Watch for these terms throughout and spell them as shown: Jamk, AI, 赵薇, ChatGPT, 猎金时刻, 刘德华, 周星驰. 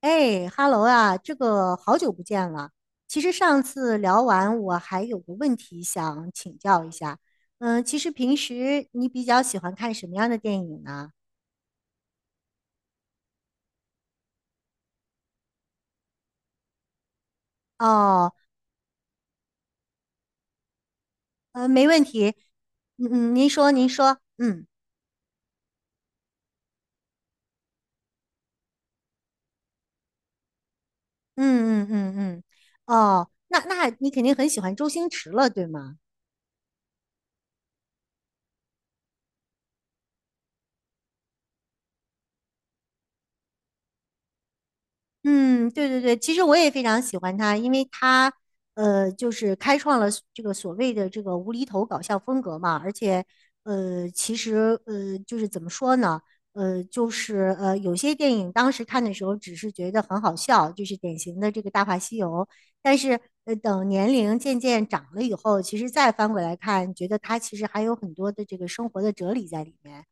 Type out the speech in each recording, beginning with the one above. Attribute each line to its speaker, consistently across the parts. Speaker 1: 哎哈喽啊，这个好久不见了。其实上次聊完，我还有个问题想请教一下。其实平时你比较喜欢看什么样的电影呢？哦，没问题。嗯嗯，您说，您说，嗯嗯嗯嗯嗯，哦，那你肯定很喜欢周星驰了，对吗？嗯，对对对，其实我也非常喜欢他，因为他，就是开创了所这个所谓的这个无厘头搞笑风格嘛，而且，其实，就是怎么说呢，有些电影当时看的时候只是觉得很好笑，就是典型的这个《大话西游》，但是，等年龄渐渐长了以后，其实再翻过来看，觉得他其实还有很多的这个生活的哲理在里面。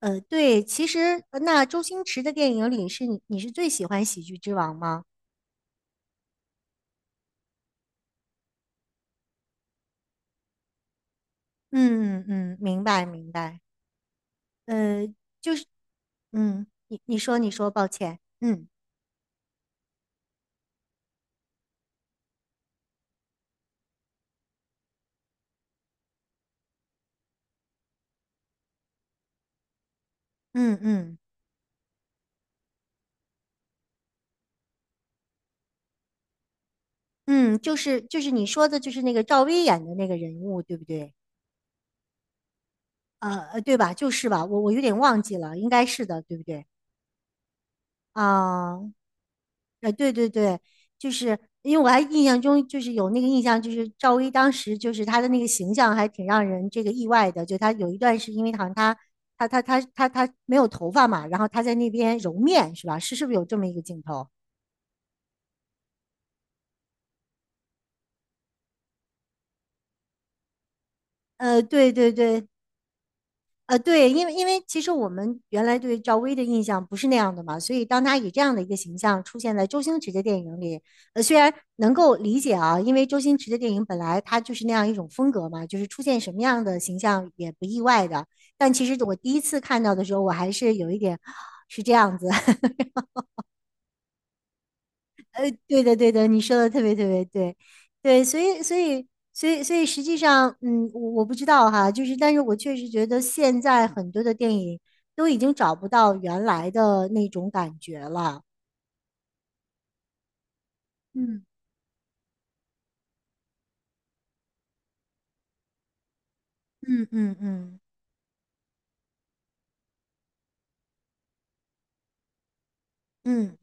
Speaker 1: 对，其实那周星驰的电影里是你是最喜欢《喜剧之王》吗？嗯嗯，明白明白。呃，嗯，你说，抱歉。嗯嗯嗯嗯，就是就是你说的，就是那个赵薇演的那个人物，对不对？对吧？就是吧，我有点忘记了，应该是的，对不对？啊、对对对，就是因为我还印象中就是有那个印象，就是赵薇当时就是她的那个形象还挺让人这个意外的，就她有一段是因为好像她她她她她没有头发嘛，然后她在那边揉面是吧？是不是有这么一个镜头？对对对，对，因为其实我们原来对赵薇的印象不是那样的嘛，所以当她以这样的一个形象出现在周星驰的电影里，虽然能够理解啊，因为周星驰的电影本来他就是那样一种风格嘛，就是出现什么样的形象也不意外的。但其实我第一次看到的时候，我还是有一点 是这样子，对的，对的，你说的特别对，对，所以，所以，所以，所以，实际上，嗯，我不知道哈，就是，但是我确实觉得现在很多的电影都已经找不到原来的那种感觉了。嗯嗯嗯嗯嗯，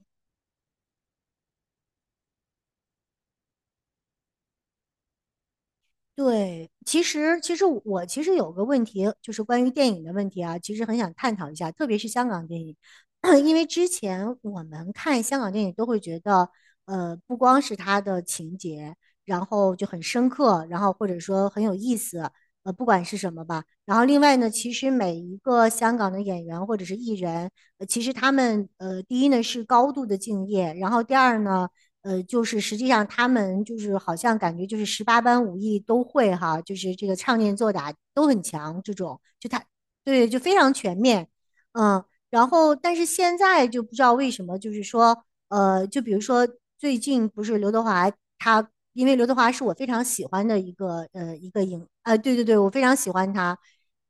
Speaker 1: 对，其实我其实有个问题，就是关于电影的问题啊，其实很想探讨一下，特别是香港电影，因为之前我们看香港电影都会觉得，不光是它的情节，然后就很深刻，然后或者说很有意思，不管是什么吧。然后另外呢，其实每一个香港的演员或者是艺人，其实他们第一呢是高度的敬业，然后第二呢。就是实际上他们就是好像感觉就是十八般武艺都会哈，就是这个唱念做打都很强，这种就他对就非常全面，嗯，然后但是现在就不知道为什么，就比如说最近不是刘德华他，因为刘德华是我非常喜欢的一个一个影，对对对，我非常喜欢他，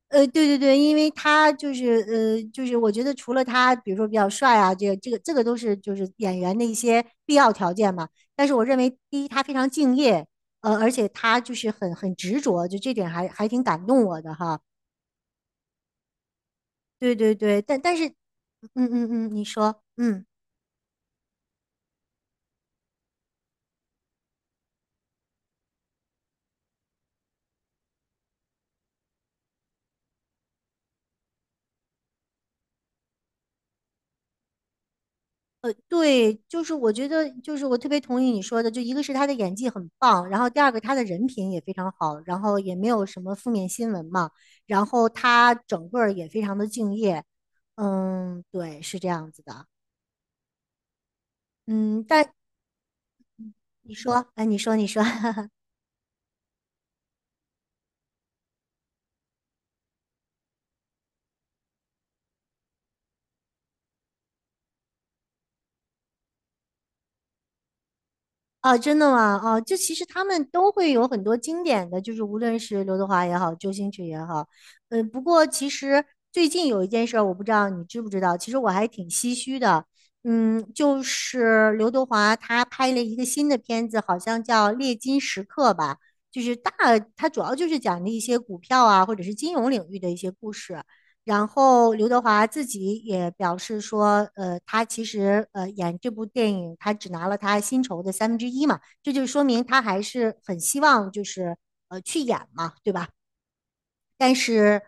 Speaker 1: 对对对，因为他就是我觉得除了他，比如说比较帅啊，这个都是就是演员的一些必要条件嘛。但是我认为，第一，他非常敬业，而且他就是很执着，就这点还挺感动我的哈。对对对，但但是，嗯嗯嗯，嗯你说，嗯。对，就是我觉得，就是我特别同意你说的，就一个是他的演技很棒，然后第二个他的人品也非常好，然后也没有什么负面新闻嘛，然后他整个儿也非常的敬业，嗯，对，是这样子的，嗯，但你说，哎，你说，你说，啊，真的吗？啊，就其实他们都会有很多经典的，就是无论是刘德华也好，周星驰也好，不过其实最近有一件事儿，我不知道你知不知道，其实我还挺唏嘘的，嗯，就是刘德华他拍了一个新的片子，好像叫《猎金时刻》吧，就是大，他主要就是讲的一些股票啊，或者是金融领域的一些故事。然后刘德华自己也表示说，他其实演这部电影，他只拿了他薪酬的三分之一嘛，这就说明他还是很希望就是去演嘛，对吧？但是，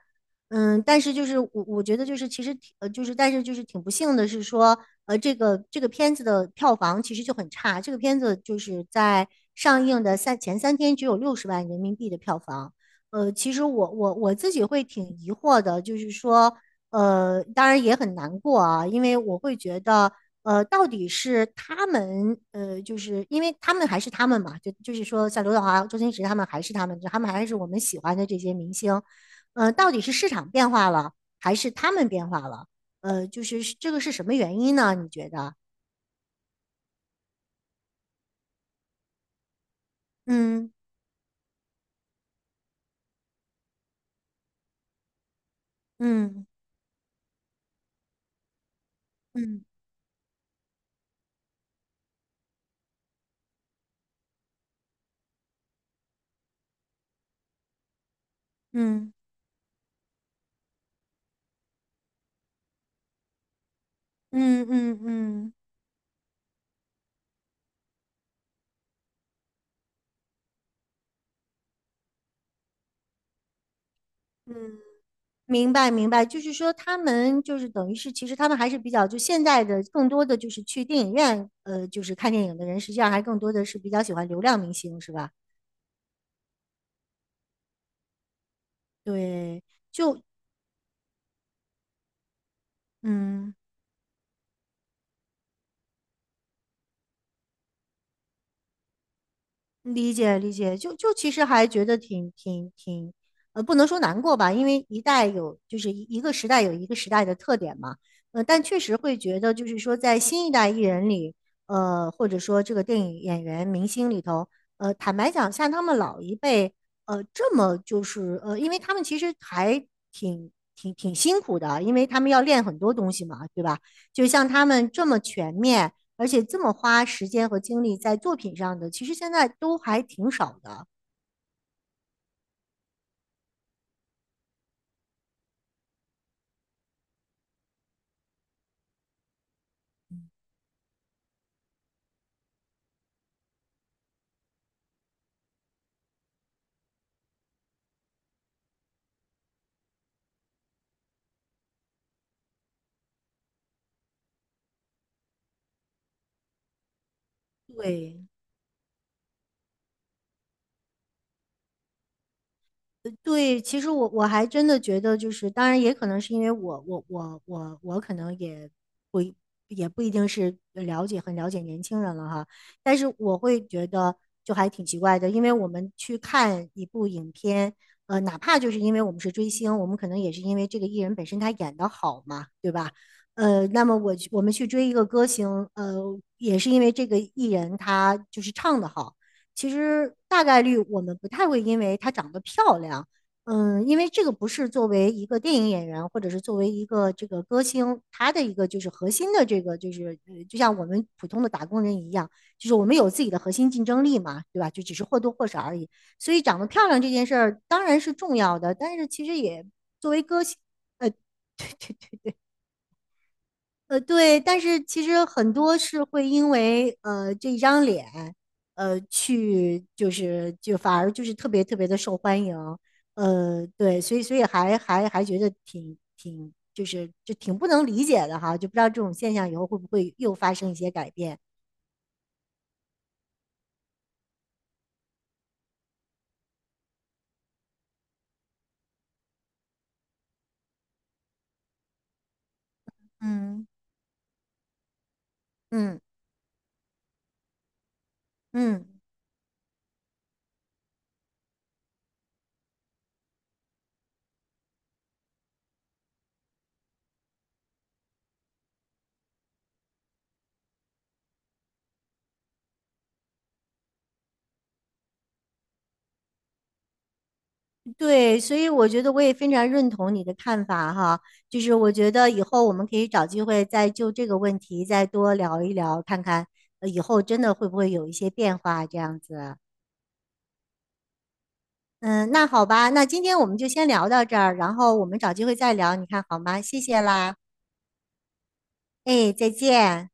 Speaker 1: 但是就是我觉得就是其实挺呃就是但是就是挺不幸的是说，这个这个片子的票房其实就很差，这个片子就是在上映的三天只有六十万人民币的票房。其实我自己会挺疑惑的，就是说，当然也很难过啊，因为我会觉得，到底是他们，就是因为他们还是他们嘛，就就是说，像刘德华、周星驰他们还是他们，他们还是我们喜欢的这些明星，到底是市场变化了，还是他们变化了？就是这个是什么原因呢？你觉得？嗯嗯嗯嗯嗯嗯嗯嗯，明白明白，就是说他们就是等于是，其实他们还是比较就现在的更多的就是去电影院，就是看电影的人，实际上还更多的是比较喜欢流量明星，是吧？对，嗯。理解理解，就就其实还觉得挺，不能说难过吧，因为一代有就是一个时代有一个时代的特点嘛，但确实会觉得就是说在新一代艺人里，或者说这个电影演员明星里头，坦白讲，像他们老一辈，呃，这么就是呃，因为他们其实还挺辛苦的，因为他们要练很多东西嘛，对吧？就像他们这么全面。而且这么花时间和精力在作品上的，其实现在都还挺少的。对，对，其实我还真的觉得，就是当然也可能是因为我可能也不一也不一定是了解很了解年轻人了哈，但是我会觉得就还挺奇怪的，因为我们去看一部影片，哪怕就是因为我们是追星，我们可能也是因为这个艺人本身他演的好嘛，对吧？那么我们去追一个歌星，呃，也是因为这个艺人他就是唱的好。其实大概率我们不太会因为她长得漂亮，嗯，因为这个不是作为一个电影演员或者是作为一个这个歌星，她的一个就是核心的就像我们普通的打工人一样，就是我们有自己的核心竞争力嘛，对吧？就只是或多或少而已。所以长得漂亮这件事儿当然是重要的，但是其实也作为歌星。对，但是其实很多是会因为这一张脸，呃，去就是就反而就是特别的受欢迎，对，所以所以还觉得挺挺就是就挺不能理解的哈，就不知道这种现象以后会不会又发生一些改变。嗯。嗯嗯。对，所以我觉得我也非常认同你的看法哈，就是我觉得以后我们可以找机会再就这个问题再多聊一聊，看看以后真的会不会有一些变化这样子。嗯，那好吧，那今天我们就先聊到这儿，然后我们找机会再聊，你看好吗？谢谢啦，哎，再见。